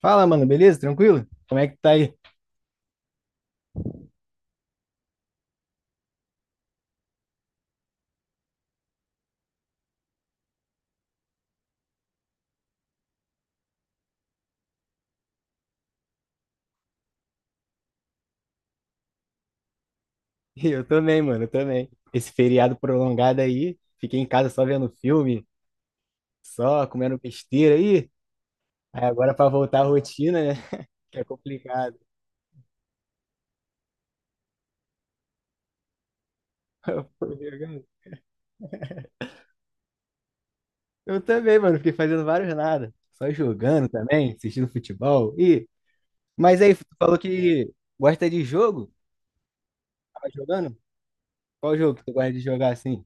Fala, mano, beleza? Tranquilo? Como é que tá aí? Eu também, mano, eu também. Esse feriado prolongado aí, fiquei em casa só vendo filme, só comendo besteira aí. Aí agora pra voltar à rotina, né? Que é complicado. Foi jogando. Eu também, mano, fiquei fazendo vários nada. Só jogando também, assistindo futebol. E. Mas aí, tu falou que gosta de jogo? Tava jogando? Qual jogo que tu gosta de jogar assim?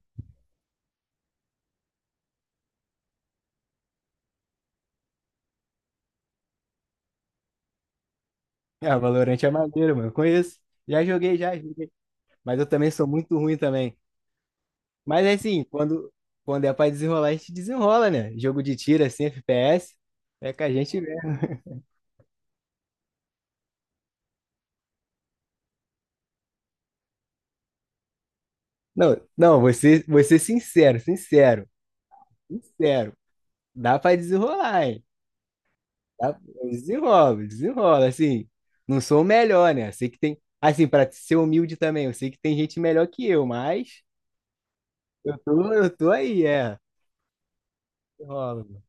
Ah, Valorant é maneiro, mano, eu conheço. Já joguei, já joguei. Mas eu também sou muito ruim também. Mas assim, quando é pra desenrolar, a gente desenrola, né? Jogo de tiro, assim, FPS, é que a gente vê. Não, não, vou ser sincero, sincero, sincero. Dá pra desenrolar, hein? Dá, desenrola, desenrola, assim. Não sou o melhor, né? Sei que tem. Assim, pra ser humilde também, eu sei que tem gente melhor que eu, mas eu tô aí, é. Desenrola, mano.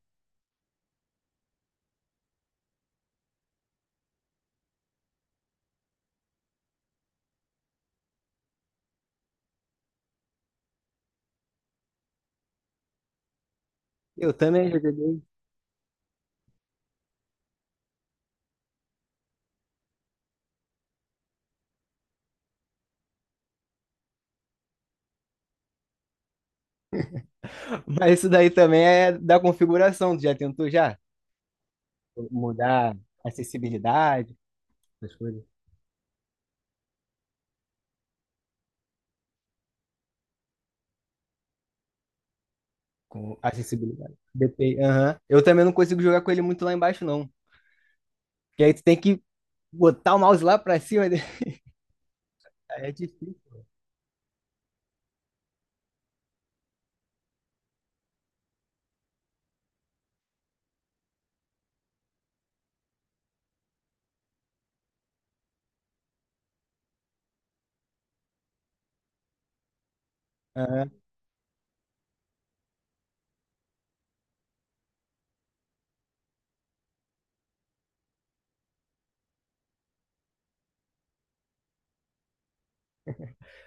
Eu também já joguei. Mas isso daí também é da configuração. Tu já tentou já? Mudar a acessibilidade, essas coisas. Com acessibilidade. DPI, aham. Eu também não consigo jogar com ele muito lá embaixo, não. Porque aí tu tem que botar o mouse lá pra cima dele. Aí é difícil. Aham.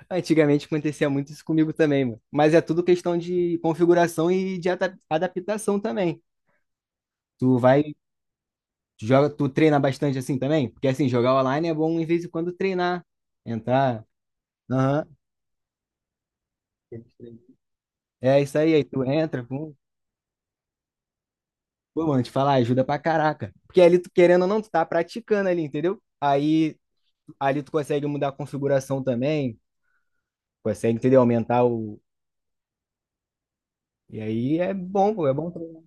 Antigamente acontecia muito isso comigo também, mano. Mas é tudo questão de configuração e de adaptação também. Tu vai, tu joga, tu treina bastante assim também? Porque assim, jogar online é bom em vez em quando treinar. Entrar. Aham. É isso aí, aí tu entra, pum. Pô, mano, te falar, ajuda pra caraca. Porque ali, tu querendo ou não, tu tá praticando ali, entendeu? Aí ali tu consegue mudar a configuração também, consegue, entendeu? Aumentar o. E aí é bom, pô, é bom treinar.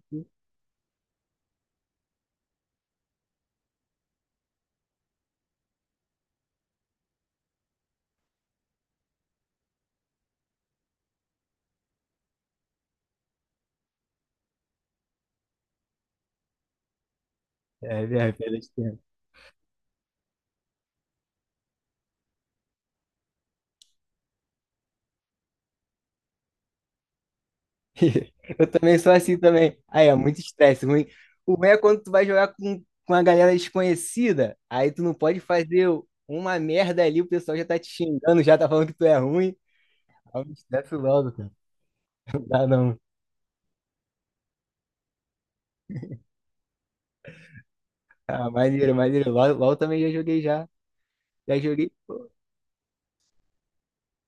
É, é, é perda de tempo. Eu também sou assim também. Aí é muito estresse, ruim. O ruim é quando tu vai jogar com a galera desconhecida, aí tu não pode fazer uma merda ali, o pessoal já tá te xingando, já tá falando que tu é ruim. Aí o estresse logo, cara. Não dá não. Ah, maneiro, maneiro. LOL, LOL também já joguei já. Já joguei.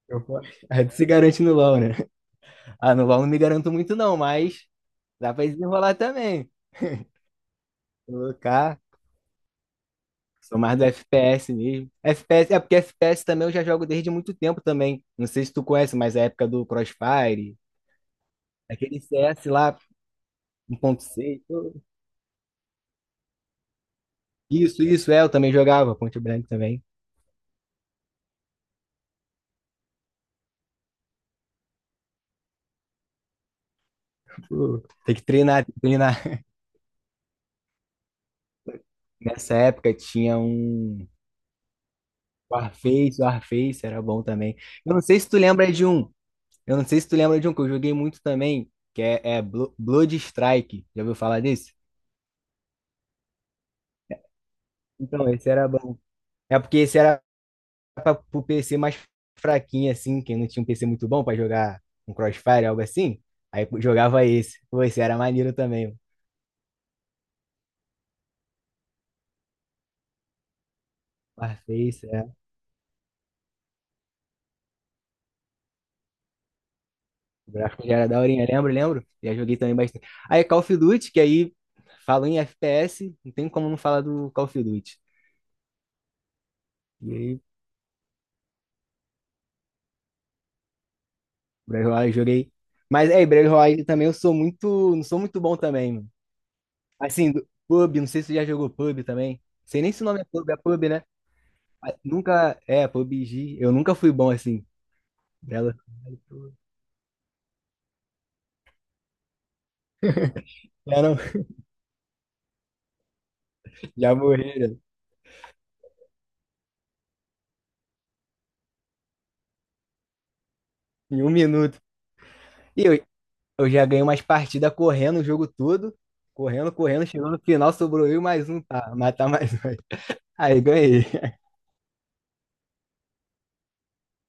Eu, pô, aí tu se garante no LOL, né? Ah, no LOL não me garanto muito não, mas dá pra desenrolar também. Colocar. Sou mais do FPS mesmo. FPS, é porque FPS também eu já jogo desde muito tempo também. Não sei se tu conhece, mas é a época do Crossfire, aquele CS lá, 1.6, pô. Isso, é, eu também jogava, Point Blank também. Pô, tem que treinar, tem que treinar. Nessa época tinha um Warface, Warface era bom também. Eu não sei se tu lembra de um, eu não sei se tu lembra de um que eu joguei muito também, que é Blood Strike. Já ouviu falar desse? Então, esse era É porque esse era para pro PC mais fraquinho, assim, quem não tinha um PC muito bom para jogar um Crossfire, algo assim. Aí jogava esse. Pô, esse era maneiro também, mano. Warface, é. O gráfico já era daorinha. Lembro, lembro. Já joguei também bastante. Aí Call of Duty, que aí falo em FPS, não tem como não falar do Call of Duty. E aí, Battle Royale eu joguei. Mas aí, Battle Royale também eu sou muito, não sou muito bom também, mano. Assim, PUBG, não sei se você já jogou PUBG também. Sei nem se o nome é PUBG, é PUBG, né? Mas nunca, é, PUBG, eu nunca fui bom assim. Dela já, não, já morreram em um minuto. E eu já ganhei umas partidas correndo o jogo todo. Correndo, correndo, chegou no final, sobrou eu e mais um, tá? Matar mais um. Aí ganhei.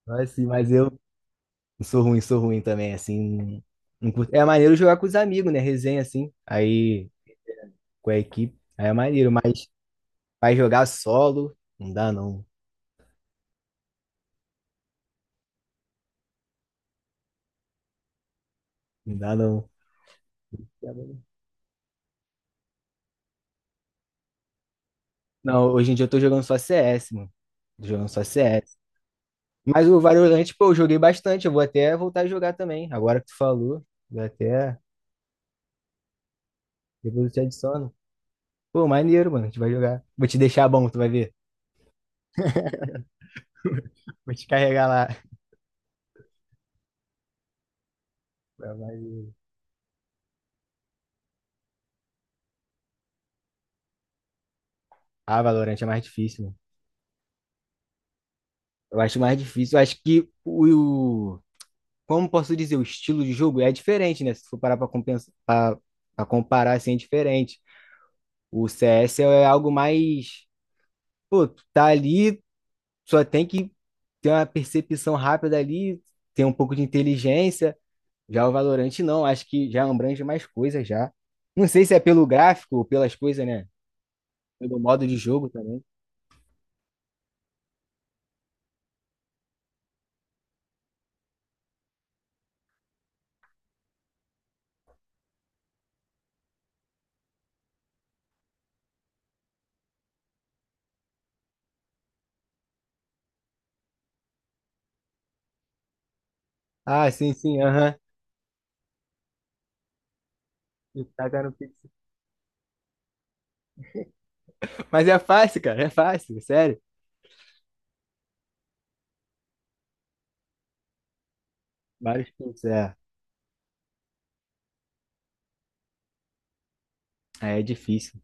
Mas, assim, mas eu sou ruim também, assim. Não curto. É maneiro jogar com os amigos, né? Resenha assim. Aí com a equipe, aí é maneiro, mas vai jogar solo, não dá não. Não dá não. Não, hoje em dia eu tô jogando só CS, mano. Tô jogando só CS. Mas o Valorant, pô, eu joguei bastante. Eu vou até voltar a jogar também. Agora que tu falou, vou até. Depois eu te adiciono. Pô, maneiro, mano. A gente vai jogar. Vou te deixar bom, tu vai ver. Vou te carregar lá. É maneiro. Ah, Valorant é mais difícil, mano. Eu acho mais difícil. Eu acho que o. o- Como posso dizer, o estilo de jogo é diferente, né? Se for parar pra comparar, assim, é diferente. O CS é algo mais. Pô, tu tá ali só tem que ter uma percepção rápida ali, ter um pouco de inteligência. Já o Valorante não, acho que já abrange mais coisas já. Não sei se é pelo gráfico ou pelas coisas, né? Pelo modo de jogo também. Ah, sim, sim, aham. E taca no pixel. Mas é fácil, cara, é fácil, sério. Vários pontos, é. É difícil.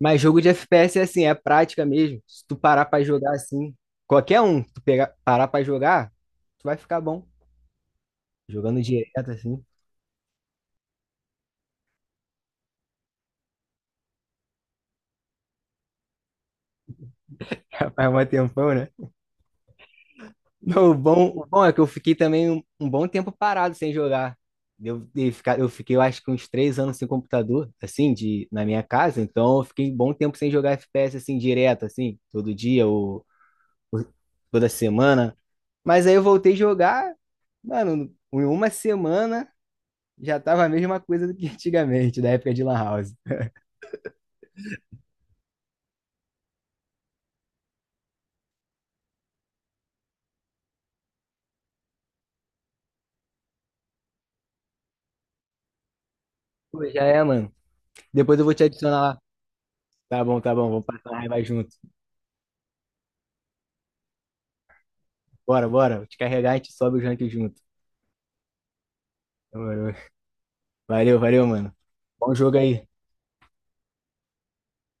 Mas jogo de FPS é assim, é prática mesmo. Se tu parar pra jogar assim, qualquer um, tu pegar, parar pra jogar, tu vai ficar bom. Jogando direto assim, faz um tempão, né? Não, o bom é que eu fiquei também um bom tempo parado sem jogar. Eu fiquei, eu acho que uns 3 anos sem computador, assim, na minha casa, então eu fiquei um bom tempo sem jogar FPS, assim, direto, assim, todo dia ou toda semana. Mas aí eu voltei a jogar, mano, em uma semana já tava a mesma coisa do que antigamente, da época de Lan House. Pô, já é, mano. Depois eu vou te adicionar lá. Tá bom, vamos passar a raiva junto. Bora, bora, te carregar, a gente sobe o ranking junto. Demorou. Valeu, valeu, mano. Bom jogo aí.